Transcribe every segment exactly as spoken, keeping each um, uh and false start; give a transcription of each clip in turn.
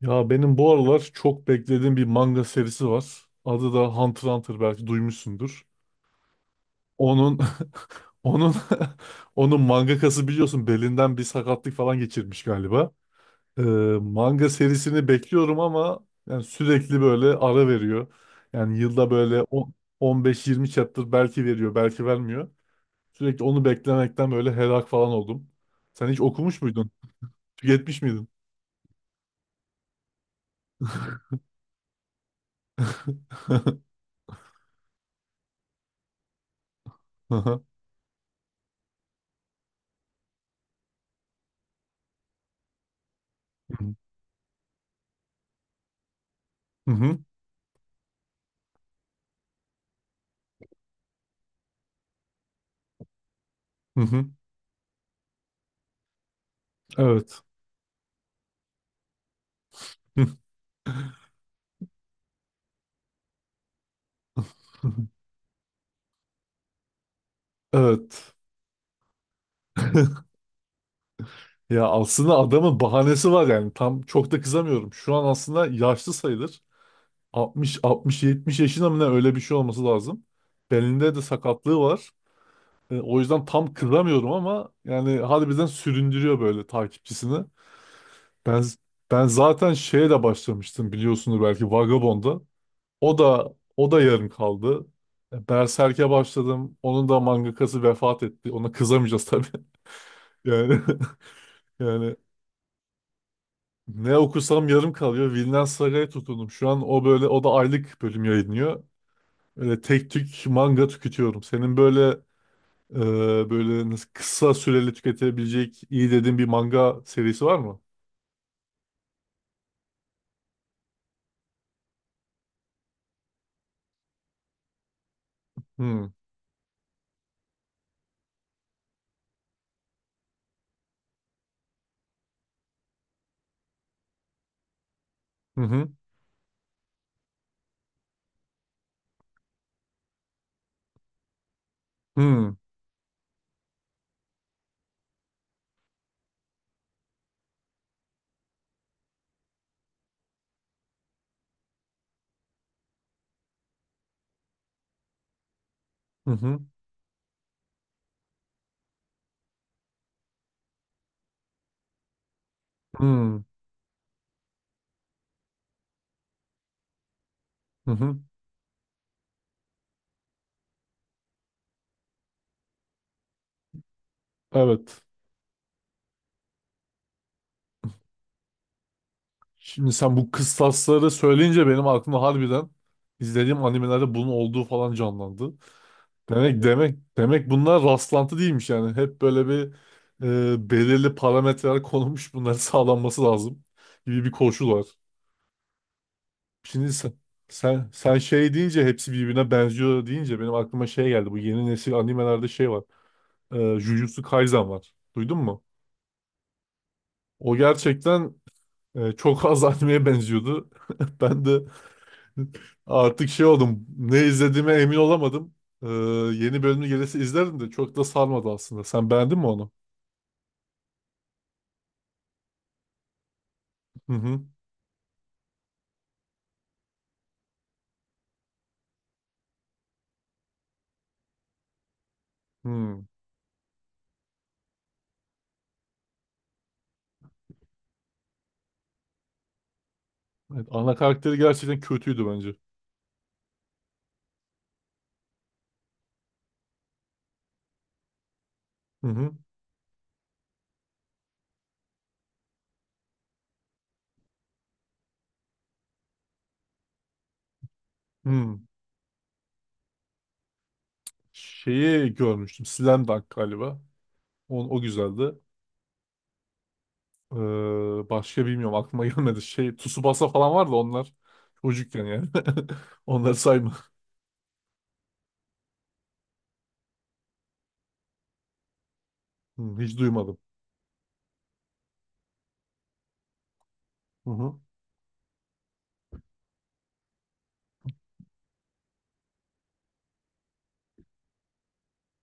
Ya benim bu aralar çok beklediğim bir manga serisi var. Adı da Hunter x Hunter, belki duymuşsundur. Onun onun onun mangakası, biliyorsun, belinden bir sakatlık falan geçirmiş galiba. Ee, Manga serisini bekliyorum ama yani sürekli böyle ara veriyor. Yani yılda böyle on- 15-20 chapter belki veriyor, belki vermiyor. Sürekli onu beklemekten böyle helak falan oldum. Sen hiç okumuş muydun? Tüketmiş miydin? Hı hı. Hı hı. Hı hı. Evet. Evet. Ya aslında adamın bahanesi var yani. Tam çok da kızamıyorum. Şu an aslında yaşlı sayılır. altmış altmış yetmiş yaşında mı ne, öyle bir şey olması lazım. Belinde de sakatlığı var. E, o yüzden tam kızamıyorum ama yani harbiden süründürüyor böyle takipçisini. Ben ben zaten şeye de başlamıştım, biliyorsunuz belki, Vagabond'a. O da o da yarım kaldı. E, Berserk'e başladım. Onun da mangakası vefat etti. Ona kızamayacağız tabii. Yani Yani ne okusam yarım kalıyor. Vinland Saga'ya tutundum. Şu an o böyle, o da aylık bölüm yayınlıyor. Öyle tek tük manga tüketiyorum. Senin böyle e, böyle nasıl kısa süreli tüketebilecek iyi dediğin bir manga serisi var mı? Hmm. Hı hı. Hmm. Hı hı. Hmm. Hı hı. Evet. Şimdi sen bu kıstasları söyleyince benim aklımda harbiden izlediğim animelerde bunun olduğu falan canlandı. Demek demek demek bunlar rastlantı değilmiş yani. Hep böyle bir e, belirli parametreler konulmuş, bunların sağlanması lazım gibi bir koşul var. Şimdi sen, sen sen şey deyince, hepsi birbirine benziyor deyince, benim aklıma şey geldi. Bu yeni nesil animelerde şey var. E, Jujutsu Kaisen var. Duydun mu? O gerçekten e, çok az animeye benziyordu. Ben de artık şey oldum. Ne izlediğime emin olamadım. E, yeni bölümü gelirse izlerim de çok da sarmadı aslında. Sen beğendin mi onu? Hı hı. Hı. Evet, ana karakteri gerçekten kötüydü bence. Hı hı. Hı. Şeyi görmüştüm, Slam Dunk galiba. O, o güzeldi. Ee, başka bilmiyorum, aklıma gelmedi. Şey Tsubasa falan vardı onlar. Çocukken yani. Onları sayma. Hı, hiç duymadım. Hı hı.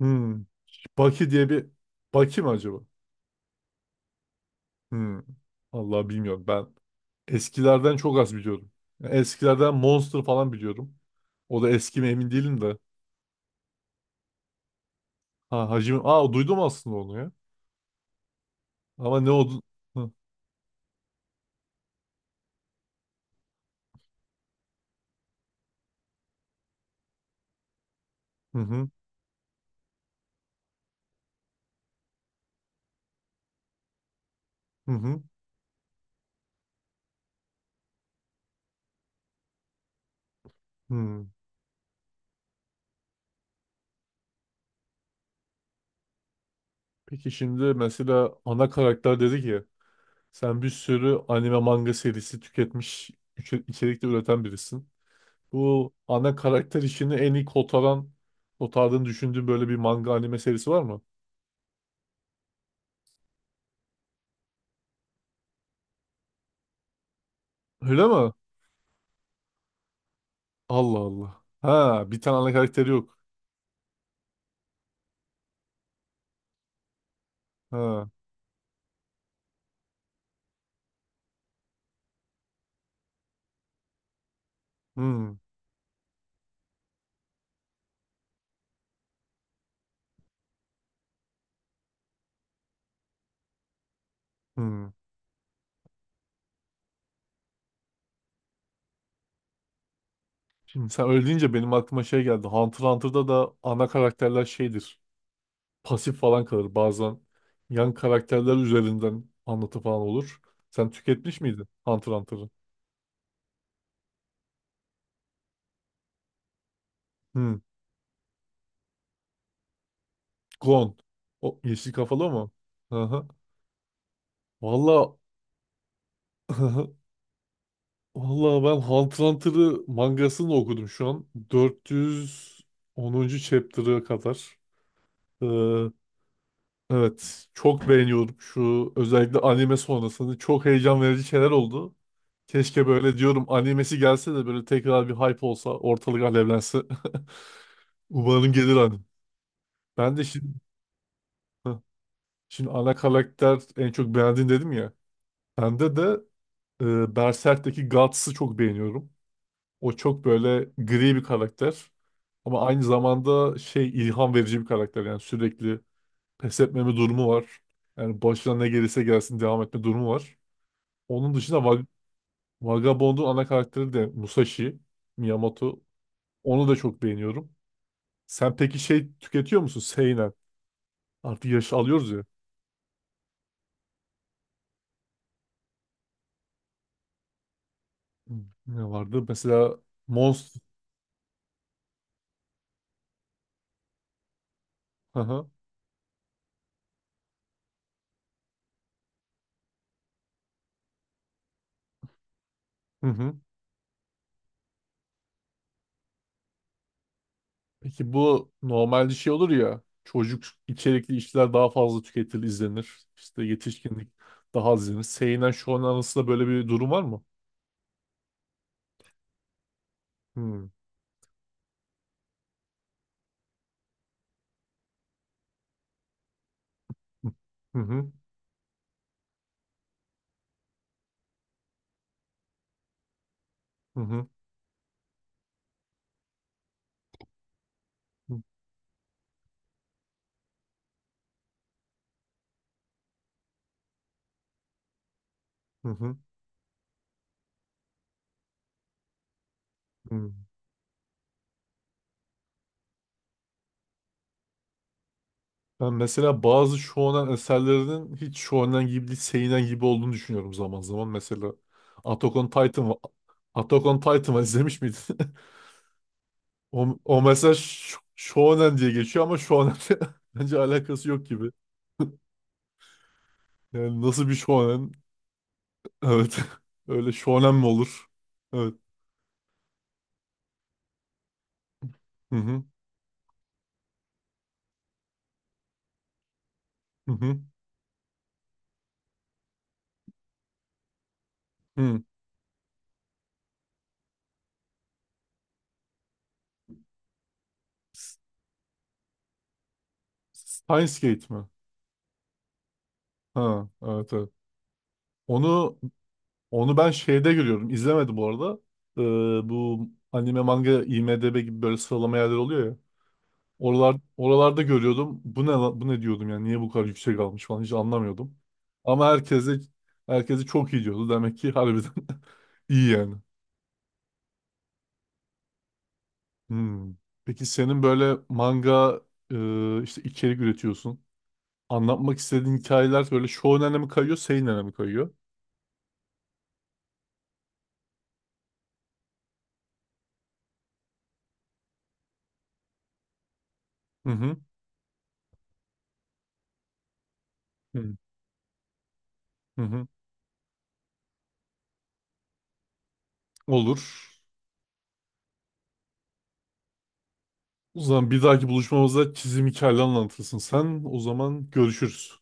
Hı. Baki diye bir, Baki mi acaba? Hı. Allah bilmiyorum ben. Eskilerden çok az biliyorum. Yani eskilerden Monster falan biliyorum. O da eski mi emin değilim de. Ha Hacı... Aa, duydum aslında onu ya. Ama ne oldu? Hı hı, hı hı. Hı, hı. Peki şimdi mesela ana karakter dedi ki, sen bir sürü anime manga serisi tüketmiş, içe- içerikte üreten birisin. Bu ana karakter işini en iyi kotaran kotardığını düşündüğün böyle bir manga anime serisi var mı? Öyle mi? Allah Allah. Ha, bir tane ana karakteri yok. Ha. Hmm. Hmm. Şimdi sen öyle deyince benim aklıma şey geldi. Hunter x Hunter'da da ana karakterler şeydir, pasif falan kalır. Bazen yan karakterler üzerinden anlatı falan olur. Sen tüketmiş miydin Hunter x Hunter'ı? Hmm. Gon. O yeşil kafalı mı? Hı hı. Valla valla ben Hunter x Hunter'ı, mangasını okudum şu an. dört yüz onuncu. chapter'a kadar. Ee, evet. Çok beğeniyorum, şu özellikle anime sonrasında çok heyecan verici şeyler oldu. Keşke böyle diyorum, animesi gelse de böyle tekrar bir hype olsa, ortalık alevlense. Umarım gelir hanım. Ben de şimdi Heh. Şimdi ana karakter en çok beğendiğin dedim ya. Bende de e, Berserk'teki Guts'ı çok beğeniyorum. O çok böyle gri bir karakter. Ama aynı zamanda şey, ilham verici bir karakter. Yani sürekli pes etmeme durumu var. Yani başına ne gelirse gelsin devam etme durumu var. Onun dışında Vag- Vagabond'un ana karakteri de Musashi Miyamoto. Onu da çok beğeniyorum. Sen peki şey tüketiyor musun? Seinen. Artık yaş alıyoruz ya. Hmm, ne vardı? Mesela Monster. Hı hı. Hı hı. Peki bu normalde şey olur ya, çocuk içerikli işler daha fazla tüketilir, izlenir. İşte yetişkinlik daha az izlenir. Seinen şu an arasında böyle bir durum var mı? Hmm. Hı hı. Hı hı. Hı hı. Hı, hı. Ben mesela bazı shonen eserlerinin hiç shonen gibi değil, seinen gibi olduğunu düşünüyorum zaman zaman. Mesela Attack on Titan var. Attack on Titan var, izlemiş miydin? O, o mesela ş- Shonen diye geçiyor ama Shonen bence alakası yok gibi. Yani nasıl bir Shonen? Evet. Öyle Shonen mi olur? Evet. Hı hı. Hı hı. Hı. Steins Gate mi? Ha, evet evet. Onu Onu ben şeyde görüyorum. İzlemedim bu arada. Ee, bu anime manga IMDb gibi böyle sıralama yerleri oluyor. Oralar, oralarda görüyordum. Bu ne lan- bu ne diyordum yani, niye bu kadar yüksek almış falan, hiç anlamıyordum. Ama herkese herkese çok iyi diyordu. Demek ki harbiden iyi yani. Hmm. Peki senin böyle manga e, işte içerik üretiyorsun. Anlatmak istediğin hikayeler böyle shonen'e mi kayıyor, seinen'e mi kayıyor? Hı hı. Hı hı. Hı. Olur. O zaman bir dahaki buluşmamızda çizim hikayeleri anlatırsın sen. O zaman görüşürüz.